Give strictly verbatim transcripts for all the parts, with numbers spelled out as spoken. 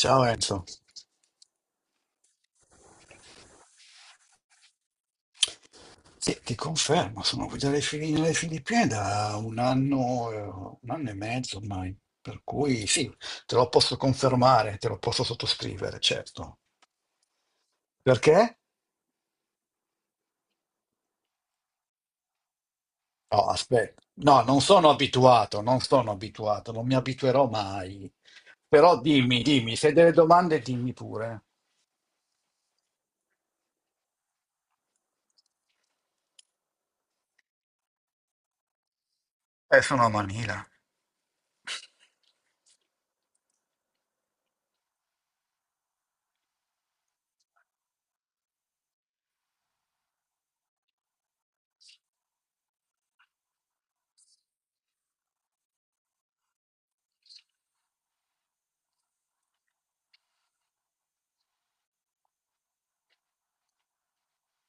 Ciao Enzo. Sì, ti confermo, sono qui dalle, Fili- nelle Filippine da un anno, eh, un anno e mezzo ormai, per cui sì, te lo posso confermare, te lo posso sottoscrivere, certo. Perché? No, aspetta, no, non sono abituato, non sono abituato, non mi abituerò mai. Però dimmi, dimmi, se hai delle domande, dimmi pure. Eh, sono a Manila.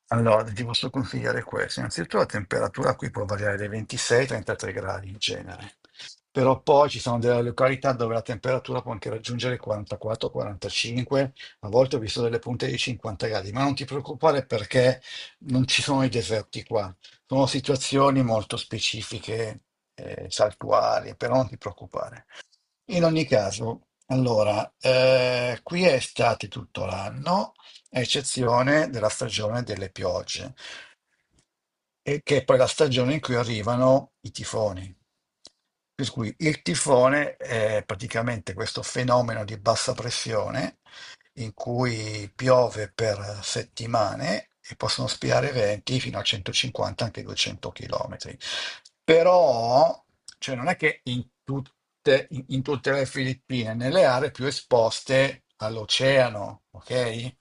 Allora, ti posso consigliare questo. Innanzitutto la temperatura qui può variare dai ventisei ai trentatre gradi in genere, però poi ci sono delle località dove la temperatura può anche raggiungere i quarantaquattro, quarantacinque, a volte ho visto delle punte di cinquanta gradi, ma non ti preoccupare perché non ci sono i deserti qua, sono situazioni molto specifiche, eh, saltuarie, però non ti preoccupare. In ogni caso, allora, eh, qui è estate tutto l'anno a eccezione della stagione delle piogge, e che è poi la stagione in cui arrivano i tifoni. Per cui il tifone è praticamente questo fenomeno di bassa pressione in cui piove per settimane e possono spiare venti fino a centocinquanta, anche duecento chilometri. Però, cioè, non è che in tutte, in in tutte le Filippine, nelle aree più esposte all'oceano, ok?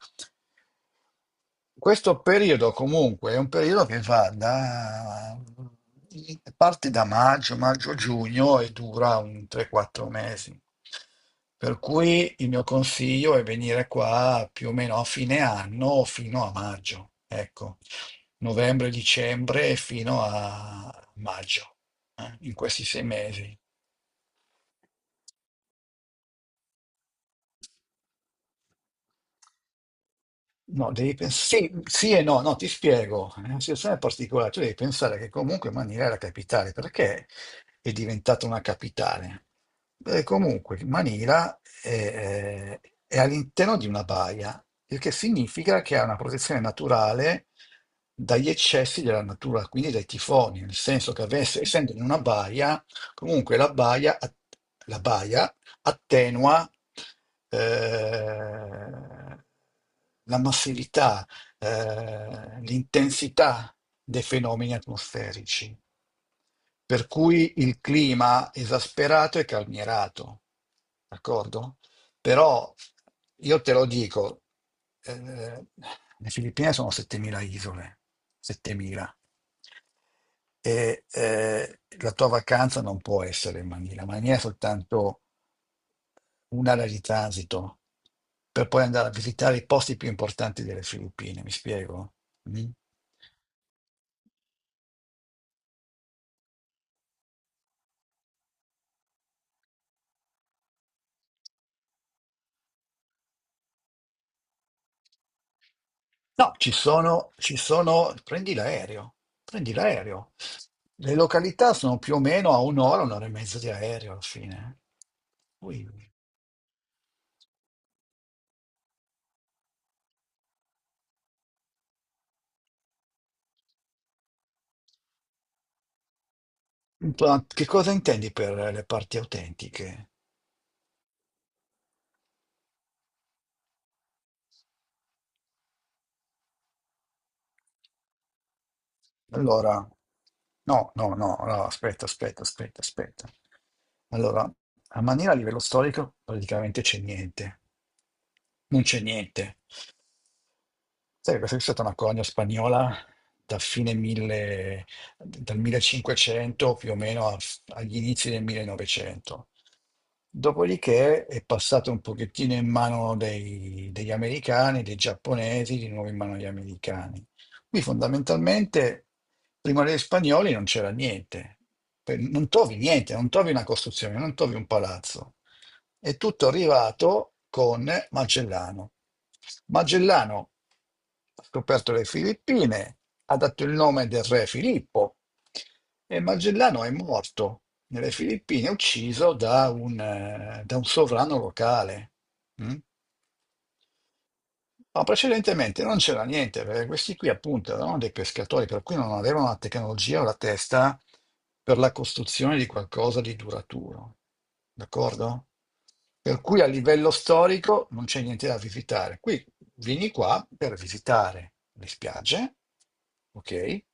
Questo periodo comunque è un periodo che va da parte da maggio, maggio-giugno e dura un tre quattro mesi. Per cui il mio consiglio è venire qua più o meno a fine anno fino a maggio, ecco, novembre, dicembre fino a maggio, eh, in questi sei mesi. No, devi pensare, sì, sì e no, no, ti spiego, è una situazione particolare, tu devi pensare che comunque Manila è la capitale, perché è diventata una capitale? Beh, comunque Manila è, è, all'interno di una baia, il che significa che ha una protezione naturale dagli eccessi della natura, quindi dai tifoni, nel senso che avesse- essendo in una baia, comunque la baia, la baia attenua eh, la massività, eh, l'intensità dei fenomeni atmosferici, per cui il clima esasperato è calmierato, d'accordo? Però io te lo dico, eh, le Filippine sono settemila isole, settemila e eh, la tua vacanza non può essere in Manila. Manila è soltanto un'area di transito per poi andare a visitare i posti più importanti delle Filippine, mi spiego? Mm? No, ci sono, ci sono, prendi l'aereo, prendi l'aereo. Le località sono più o meno a un'ora, un'ora e mezza di aereo alla fine. Ui. Ma Che cosa intendi per le parti autentiche? Allora, no, no, no, no, aspetta, aspetta, aspetta, aspetta. Allora, a maniera a livello storico praticamente c'è niente. Non c'è niente. Sai, questa è stata una colonia spagnola da fine mille dal millecinquecento più o meno a- agli inizi del millenovecento. Dopodiché è passata un pochettino in mano dei- degli americani, dei giapponesi, di nuovo in mano agli americani. Qui fondamentalmente, prima degli spagnoli non c'era niente. Per- non trovi niente, non trovi una costruzione, non trovi un palazzo. È tutto arrivato con Magellano. Magellano ha scoperto le Filippine, ha dato il nome del re Filippo e Magellano è morto nelle Filippine, ucciso da un, eh, da un sovrano locale. Mm? No, precedentemente non c'era niente, perché questi qui appunto erano dei pescatori, per cui non avevano la tecnologia o la testa per la costruzione di qualcosa di duraturo, d'accordo? Per cui a livello storico non c'è niente da visitare. Qui vieni qua per visitare le spiagge, ok?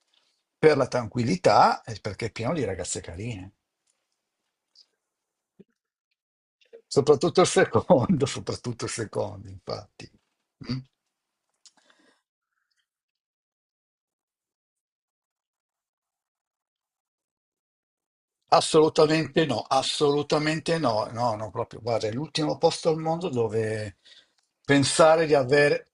Per la tranquillità e perché è pieno di ragazze carine. Soprattutto il secondo, soprattutto il secondo, infatti. Mm? Assolutamente no, assolutamente no, no, no, proprio, guarda, è l'ultimo posto al mondo dove pensare di aver.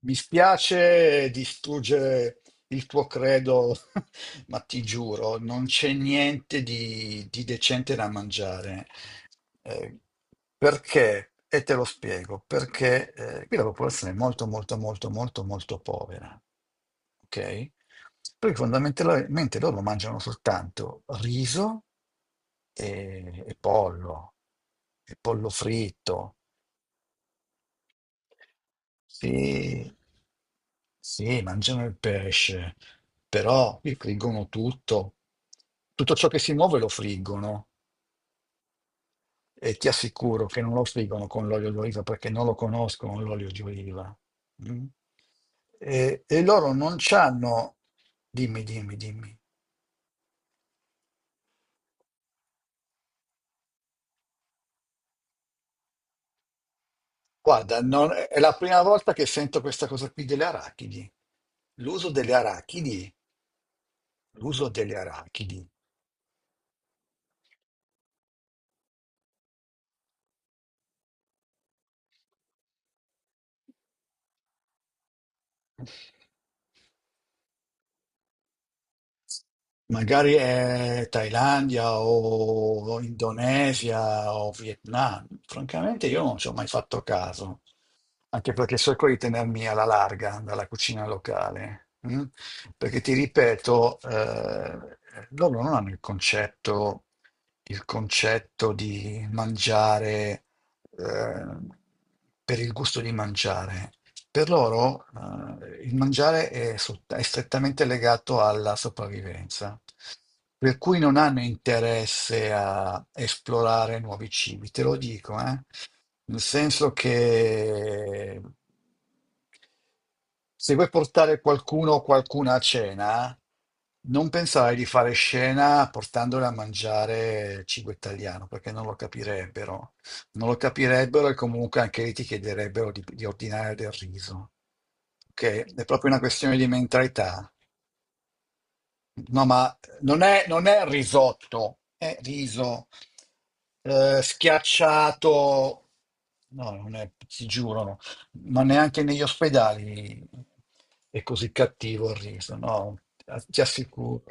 Mi spiace distruggere il tuo credo, ma ti giuro, non c'è niente di, di decente da mangiare. Eh, Perché? E te lo spiego, perché eh, qui la popolazione è molto, molto, molto, molto, molto povera. Ok? Perché fondamentalmente loro mangiano soltanto riso e, e pollo, e pollo fritto. Sì, sì, mangiano il pesce, però friggono tutto. Tutto ciò che si muove lo friggono e ti assicuro che non lo friggono con l'olio d'oliva perché non lo conoscono l'olio di oliva. Mm? E, e loro non c'hanno... Dimmi, dimmi, dimmi. Guarda, non- è la prima volta che sento questa cosa qui delle arachidi. L'uso delle arachidi, l'uso delle arachidi. Magari è Thailandia o Indonesia o Vietnam. Francamente io non ci ho mai fatto caso, anche perché cerco di tenermi alla larga dalla cucina locale, mm? Perché ti ripeto, eh, loro non hanno il concetto, il concetto di mangiare, eh, per il gusto di mangiare. Per loro, eh, il mangiare è, sott- è strettamente legato alla sopravvivenza, per cui non hanno interesse a esplorare nuovi cibi, te lo dico, eh. Nel senso che se vuoi portare qualcuno o qualcuna a cena, non pensare di fare scena portandole a mangiare cibo italiano, perché non lo capirebbero. Non lo capirebbero e comunque anche lì ti chiederebbero di, di ordinare del riso. Ok? È proprio una questione di mentalità. No, ma non è, non è risotto, è riso eh, schiacciato. No, non è, ti giuro, no. Ma neanche negli ospedali è così cattivo il riso, no? Ti assicuro.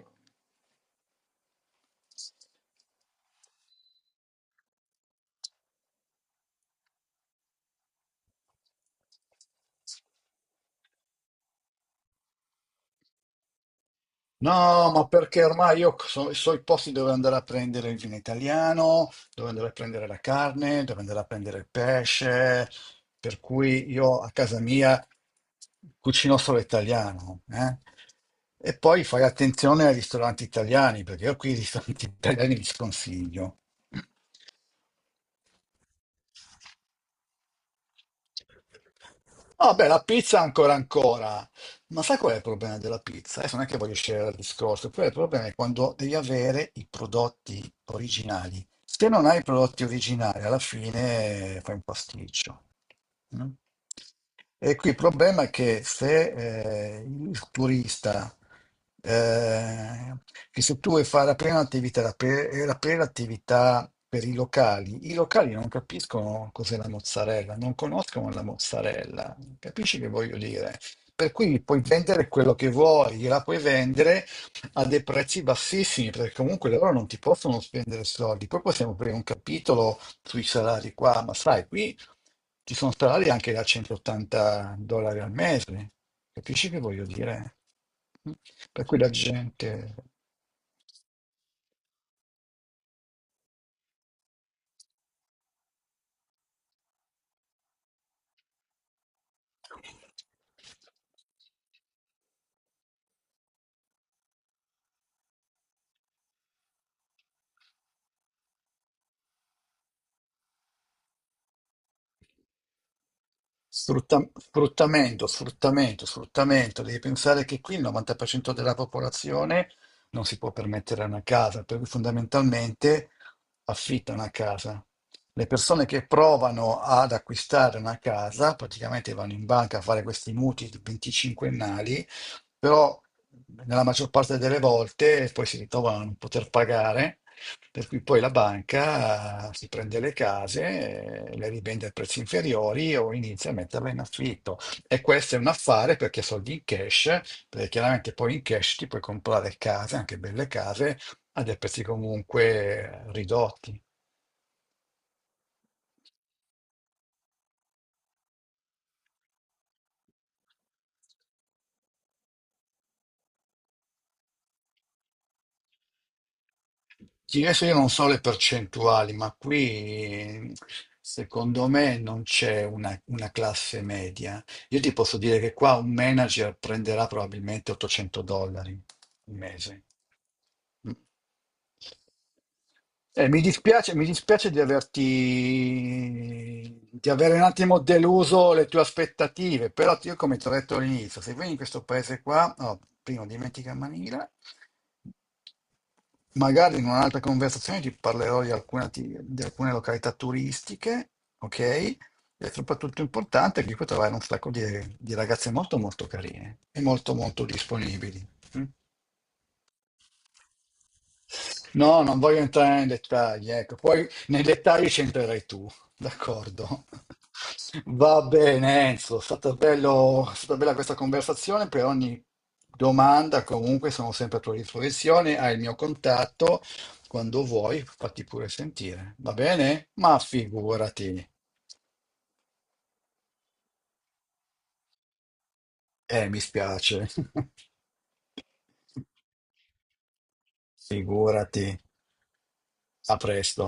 No, ma perché ormai io so, so i posti dove andare a prendere il vino italiano, dove andare a prendere la carne, dove andare a prendere il pesce, per cui io a casa mia cucino solo italiano, eh. E poi fai attenzione ai ristoranti italiani, perché io qui i ristoranti italiani li sconsiglio. Ah, beh, la pizza ancora ancora. Ma sai qual è il problema della pizza? Adesso non è che voglio scegliere dal discorso, poi il problema è quando devi avere i prodotti originali. Se non hai i prodotti originali, alla fine eh, fai un pasticcio. No? E qui il problema è che se eh, il turista, eh, che se tu vuoi fare aprire un'attività, aprire aprire attività per i locali, i locali non capiscono cos'è la mozzarella, non conoscono la mozzarella. Capisci che voglio dire? Per cui puoi vendere quello che vuoi, gliela puoi vendere a dei prezzi bassissimi, perché comunque loro non ti possono spendere soldi. Poi possiamo aprire un capitolo sui salari qua, ma sai, qui ci sono salari anche da centottanta dollari al mese. Capisci che voglio dire? Per cui la gente... Sfrutta- sfruttamento, sfruttamento, sfruttamento. Devi pensare che qui il novanta per cento della popolazione non si può permettere una casa, per cui fondamentalmente affitta una casa. Le persone che provano ad acquistare una casa praticamente vanno in banca a fare questi mutui venticinquennali, però nella maggior parte delle volte poi si ritrovano a non poter pagare per cui poi la banca eh, si prende le case, eh, le rivende a prezzi inferiori o inizia a metterle in affitto. E questo è un affare perché soldi in cash, perché chiaramente poi in cash ti puoi comprare case, anche belle case, a dei prezzi comunque ridotti. Sì, Adesso io non so le percentuali, ma qui secondo me non c'è una, una classe media. Io ti posso dire che qua un manager prenderà probabilmente ottocento dollari al mese. Mm. Eh, mi dispiace, mi dispiace di averti, di avere un attimo deluso le tue aspettative, però io come ti ho detto all'inizio, se vieni in questo paese qua, oh, prima dimentica Manila, magari in un'altra conversazione ti parlerò di alcune, atti- di alcune località turistiche, ok? E soprattutto importante è che qui trovare un sacco di, di ragazze molto molto carine e molto molto disponibili. Mm? No, non voglio entrare nei dettagli, ecco, poi nei dettagli c'entrerai tu, d'accordo? Va bene, Enzo, è stata, bello- è stata bella questa conversazione, per ogni domanda comunque sono sempre a tua disposizione, hai il mio contatto, quando vuoi fatti pure sentire, va bene? Ma figurati. Eh, mi spiace. Figurati. A presto.